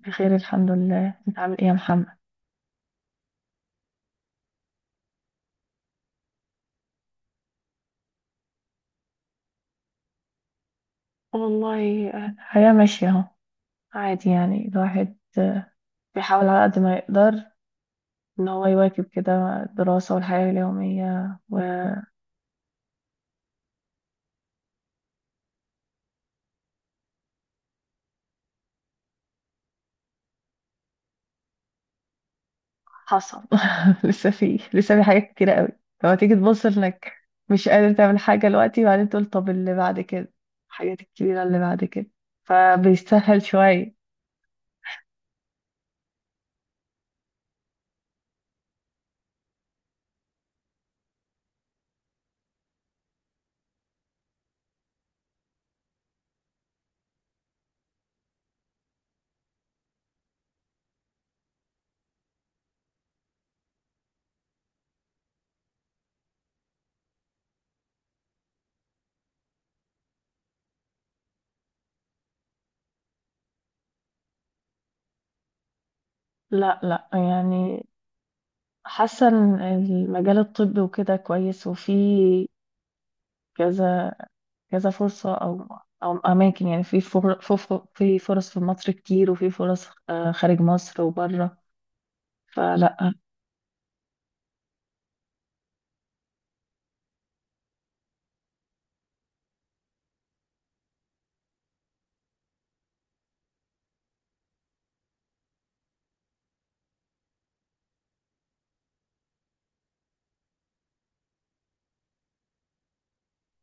بخير الحمد لله، انت عامل ايه يا محمد؟ والله الحياة ماشية اهو. عادي يعني، الواحد بيحاول على قد ما يقدر ان هو يواكب كده الدراسة والحياة اليومية، وحصل. لسه في حاجات كتيرة قوي لما تيجي تبص انك مش قادر تعمل حاجة دلوقتي، وبعدين تقول طب اللي بعد كده، الحاجات الكبيرة اللي بعد كده، فبيستاهل شوية. لا لا يعني، حاسة ان المجال الطبي وكده كويس، وفي كذا كذا فرصة أو أو أماكن، يعني في في فرص في مصر كتير، وفي فرص خارج مصر وبره، فلا.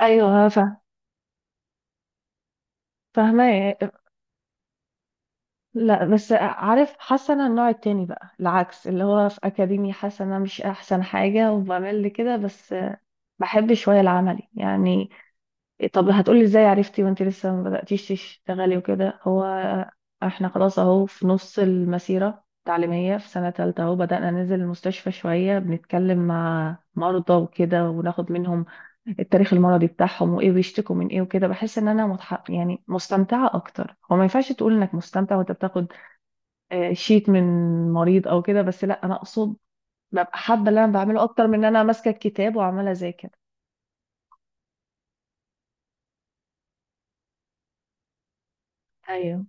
ايوه فاهمة. لا بس عارف، حاسه انا النوع التاني بقى العكس، اللي هو في اكاديمي حاسه انا مش احسن حاجه وبعمل لي كده بس، بحب شويه العملي يعني. إيه طب هتقولي ازاي عرفتي وانت لسه ما بدأتيش تشتغلي وكده؟ هو احنا خلاص اهو في نص المسيرة التعليمية، في سنة تالتة اهو بدأنا ننزل المستشفى شوية، بنتكلم مع مرضى وكده وناخد منهم التاريخ المرضي بتاعهم وايه بيشتكوا من ايه وكده. بحس ان انا يعني مستمتعة اكتر. هو ما ينفعش تقول انك مستمتع وانت بتاخد شيت من مريض او كده، بس لا انا اقصد ببقى حابة اللي انا بعمله اكتر من ان انا ماسكة الكتاب وعمالة اذاكر. ايوه،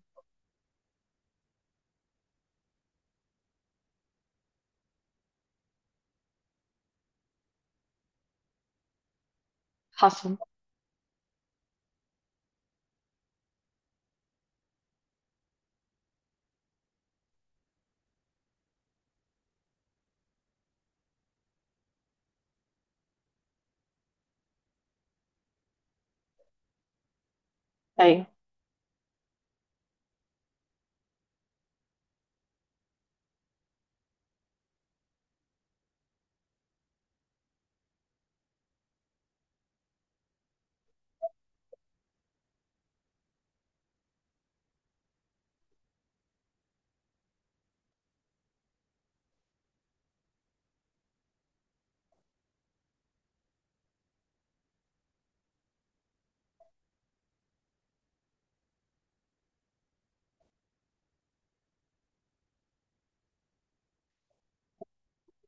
حصل. ايوه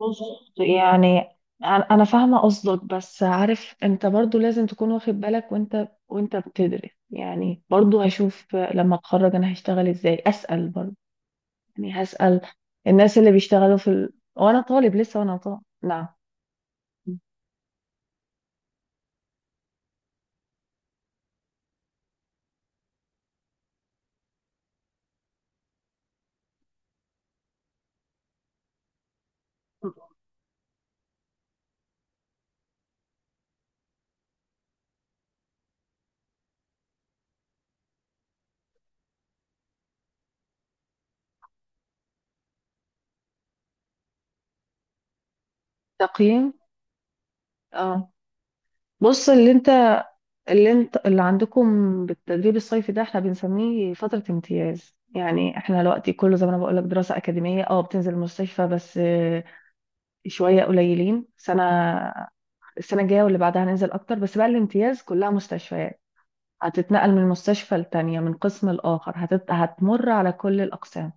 بص، يعني انا فاهمه قصدك، بس عارف انت برضو لازم تكون واخد بالك وانت بتدرس يعني، برضو هشوف لما اتخرج انا هشتغل ازاي، اسال برضو، يعني هسال الناس اللي بيشتغلوا وانا طالب لسه، وانا طالب نعم. تقييم، اه. بص اللي انت، اللي عندكم بالتدريب الصيفي ده، احنا بنسميه فترة امتياز. يعني احنا دلوقتي كله زي ما انا بقول لك دراسة أكاديمية، اه بتنزل المستشفى بس شوية قليلين. سنة السنة الجاية واللي بعدها هننزل أكتر، بس بقى الامتياز كلها مستشفيات، هتتنقل من مستشفى لتانية، من قسم لآخر، هتمر على كل الأقسام.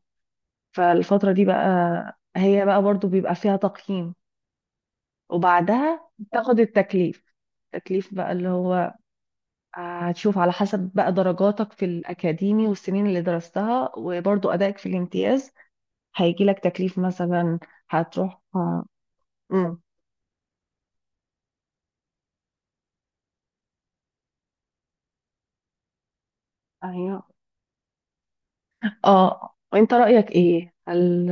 فالفترة دي بقى هي بقى برضو بيبقى فيها تقييم، وبعدها تاخد التكليف. التكليف بقى اللي هو هتشوف على حسب بقى درجاتك في الأكاديمي والسنين اللي درستها وبرضو أدائك في الامتياز، هيجي لك تكليف مثلا هتروح مم. أيوه. اه، وانت رأيك ايه؟ هل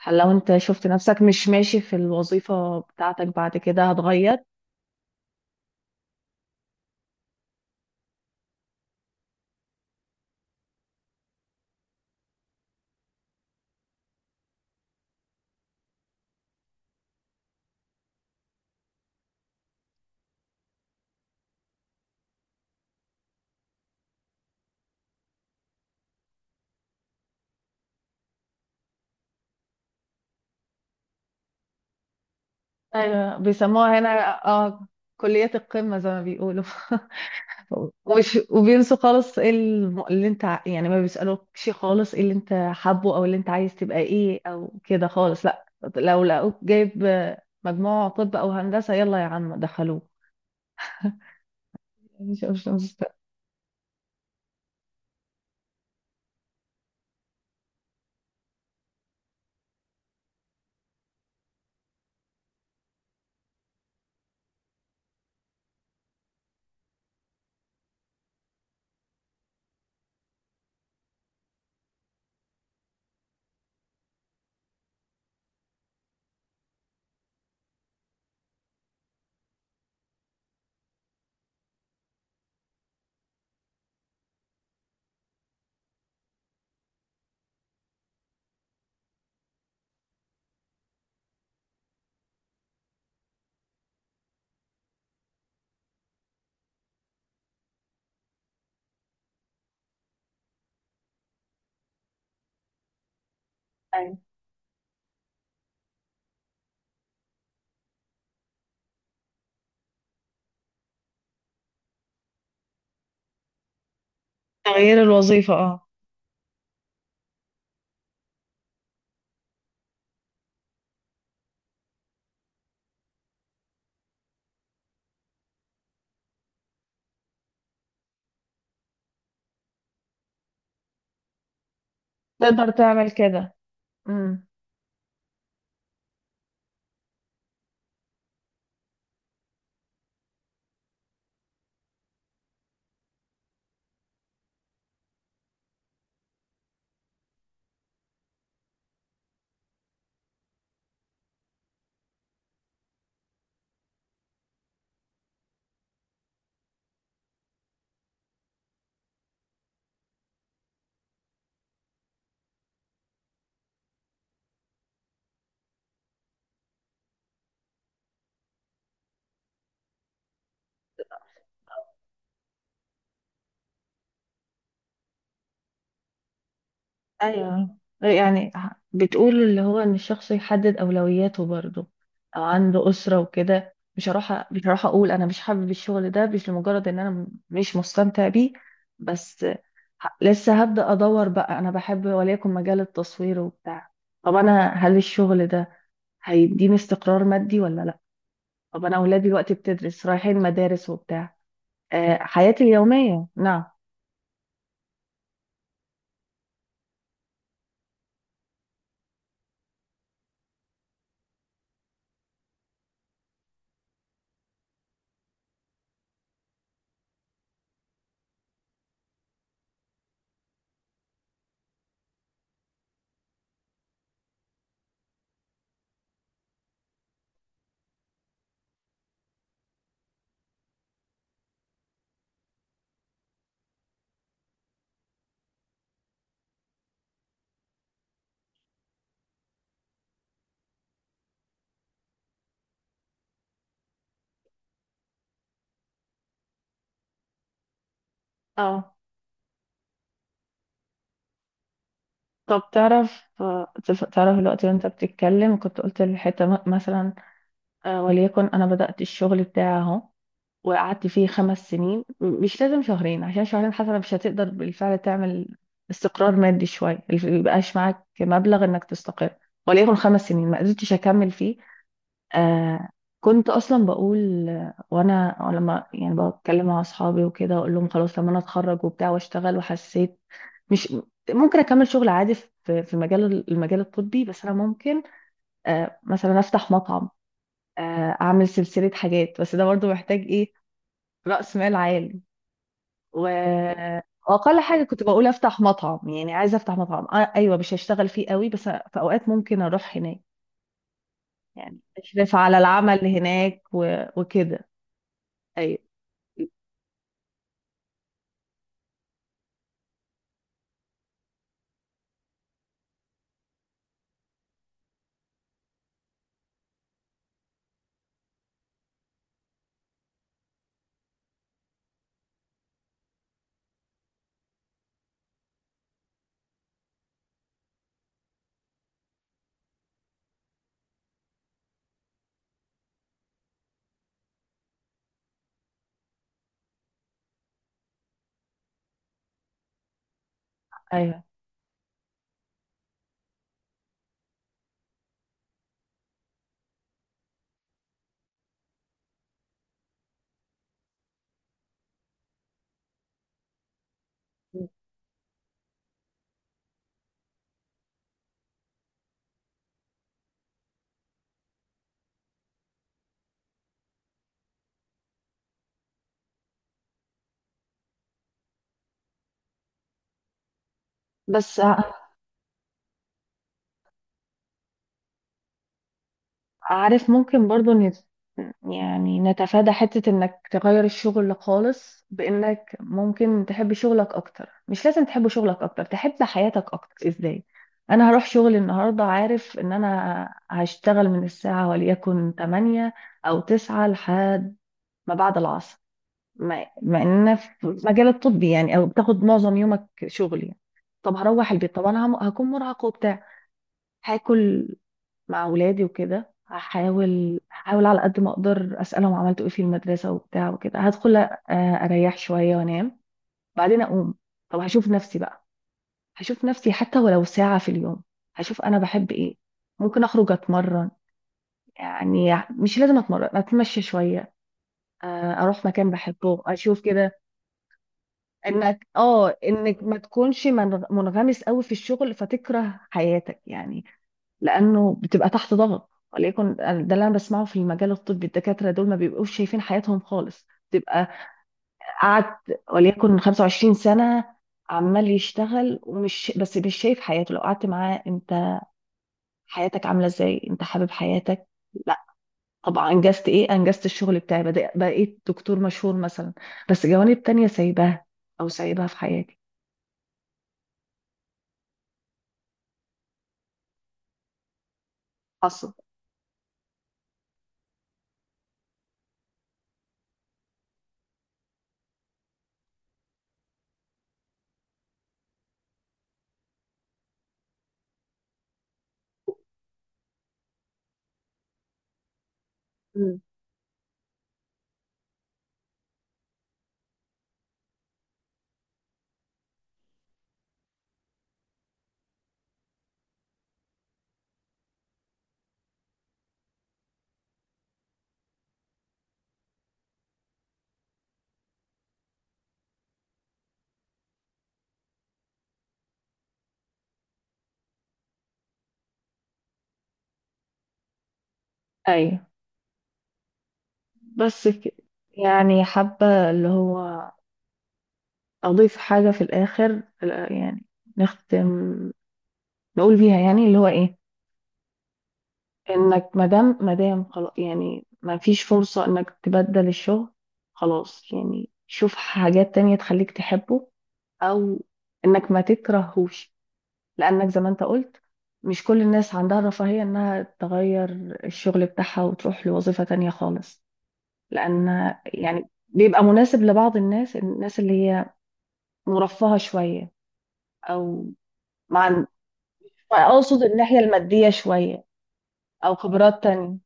هل لو انت شفت نفسك مش ماشي في الوظيفة بتاعتك بعد كده هتغير؟ ايوه بيسموها هنا. اه، كلية القمة زي ما بيقولوا. وش وبينسوا خالص ايه يعني ما بيسألوكش خالص ايه اللي انت حابه او اللي انت عايز تبقى ايه او كده خالص، لا. لو لقوك جايب مجموع طب او هندسة يلا يا عم دخلوه. مش مش مستاهل. أيوة. تغيير الوظيفة، اه. تقدر تعمل كده. ايوه يعني، بتقول اللي هو ان الشخص يحدد اولوياته برضه، او عنده اسره وكده، مش هروح مش هروح اقول انا مش حابب الشغل ده مش لمجرد ان انا مش مستمتع بيه بس. لسه هبدا ادور بقى، انا بحب وليكن مجال التصوير وبتاع. طب انا هل الشغل ده هيديني استقرار مادي ولا لا؟ طب انا اولادي دلوقتي بتدرس رايحين مدارس وبتاع، أه حياتي اليوميه نعم. اه. طب تعرف، تعرف الوقت وانت بتتكلم كنت قلت الحتة مثلا وليكن انا بدأت الشغل بتاعي اهو، وقعدت فيه خمس سنين مش لازم شهرين، عشان شهرين حتى مش هتقدر بالفعل تعمل استقرار مادي شوية، ميبقاش معاك مبلغ انك تستقر. وليكن خمس سنين ما قدرتش اكمل فيه. آه، كنت اصلا بقول وانا لما يعني بتكلم مع اصحابي وكده اقول لهم خلاص لما انا اتخرج وبتاع واشتغل، وحسيت مش ممكن اكمل شغل عادي في في مجال المجال الطبي، بس انا ممكن مثلا افتح مطعم، اعمل سلسله حاجات. بس ده برضو محتاج ايه؟ راس مال عالي. و، واقل حاجه كنت بقول افتح مطعم، يعني عايزه افتح مطعم ايوه، مش هشتغل فيه قوي، بس في اوقات ممكن اروح هناك يعني، اشرف على العمل هناك وكده. ايوه ايوه. بس عارف، ممكن برضو يعني نتفادى حتة انك تغير الشغل خالص بانك ممكن تحب شغلك اكتر. مش لازم تحب شغلك اكتر، تحب حياتك اكتر ازاي. انا هروح شغلي النهاردة عارف ان انا هشتغل من الساعة وليكن 8 او 9 لحد ما بعد العصر، مع مع ان في المجال الطبي يعني او بتاخد معظم يومك شغل يعني. طب هروح البيت، طب انا هكون مرهقة وبتاع، هاكل مع ولادي وكده، هحاول هحاول على قد ما اقدر اسالهم عملتوا ايه في المدرسه وبتاع وكده، هدخل اريح شويه وانام. بعدين اقوم، طب هشوف نفسي بقى، هشوف نفسي حتى ولو ساعه في اليوم هشوف انا بحب ايه. ممكن اخرج اتمرن، يعني مش لازم اتمرن، اتمشى شويه، اروح مكان بحبه اشوف كده. انك اه انك ما تكونش منغمس قوي في الشغل فتكره حياتك يعني. لانه بتبقى تحت ضغط، وليكن ده اللي انا بسمعه في المجال الطبي، الدكاتره دول ما بيبقوش شايفين حياتهم خالص، بتبقى قعد وليكن 25 سنة سنه عمال يشتغل، ومش بس مش شايف حياته، لو قعدت معاه انت حياتك عامله ازاي، انت حابب حياتك؟ لا. طبعا انجزت ايه، انجزت الشغل بتاعي، بقيت دكتور مشهور مثلا، بس جوانب تانية سايباها او سايباها في حياتي. حصل. مم. ايوه بس كده، يعني حابه اللي هو أضيف حاجة في الآخر يعني نختم نقول بيها، يعني اللي هو إيه، إنك مادام مادام خلاص يعني ما فيش فرصة إنك تبدل الشغل، خلاص يعني شوف حاجات تانية تخليك تحبه، أو إنك ما تكرهوش، لأنك زي ما أنت قلت مش كل الناس عندها الرفاهية إنها تغير الشغل بتاعها وتروح لوظيفة تانية خالص. لأن يعني بيبقى مناسب لبعض الناس، الناس اللي هي مرفهة شوية، أو، مع، واقصد الناحية المادية شوية، او خبرات تانية.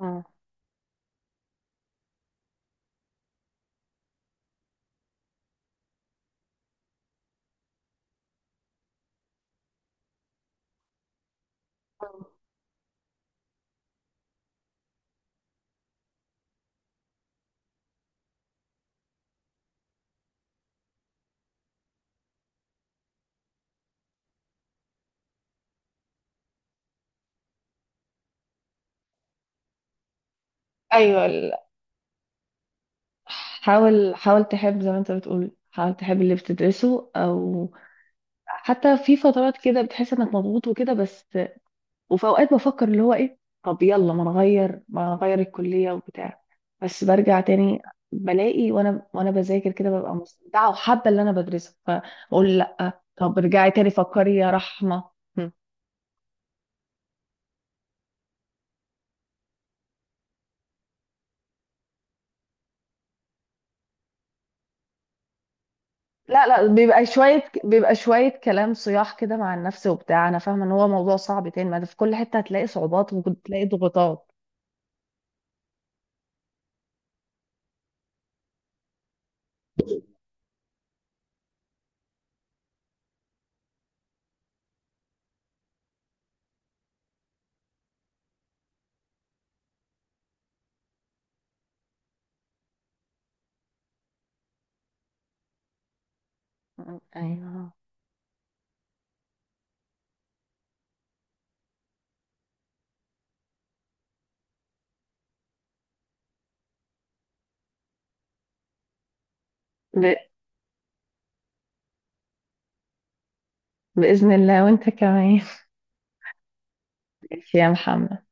مم. ايوه حاول حاول تحب، زي ما انت بتقول حاول تحب اللي بتدرسه، او حتى في فترات كده بتحس انك مضغوط وكده بس، وفي اوقات بفكر اللي هو ايه، طب يلا ما نغير ما نغير الكلية وبتاع، بس برجع تاني، بلاقي وانا بذاكر كده ببقى مستمتعة وحابة اللي انا بدرسه، فبقول لا طب ارجعي تاني فكري يا رحمة. لا لا بيبقى شوية، بيبقى شوية كلام صياح كده مع النفس وبتاع. أنا فاهمة إن هو موضوع صعب تاني، ما ده في كل حتة هتلاقي صعوبات وتلاقي ضغوطات. أيوه. ب... بإذن الله، وأنت كمان. ماشي يا محمد.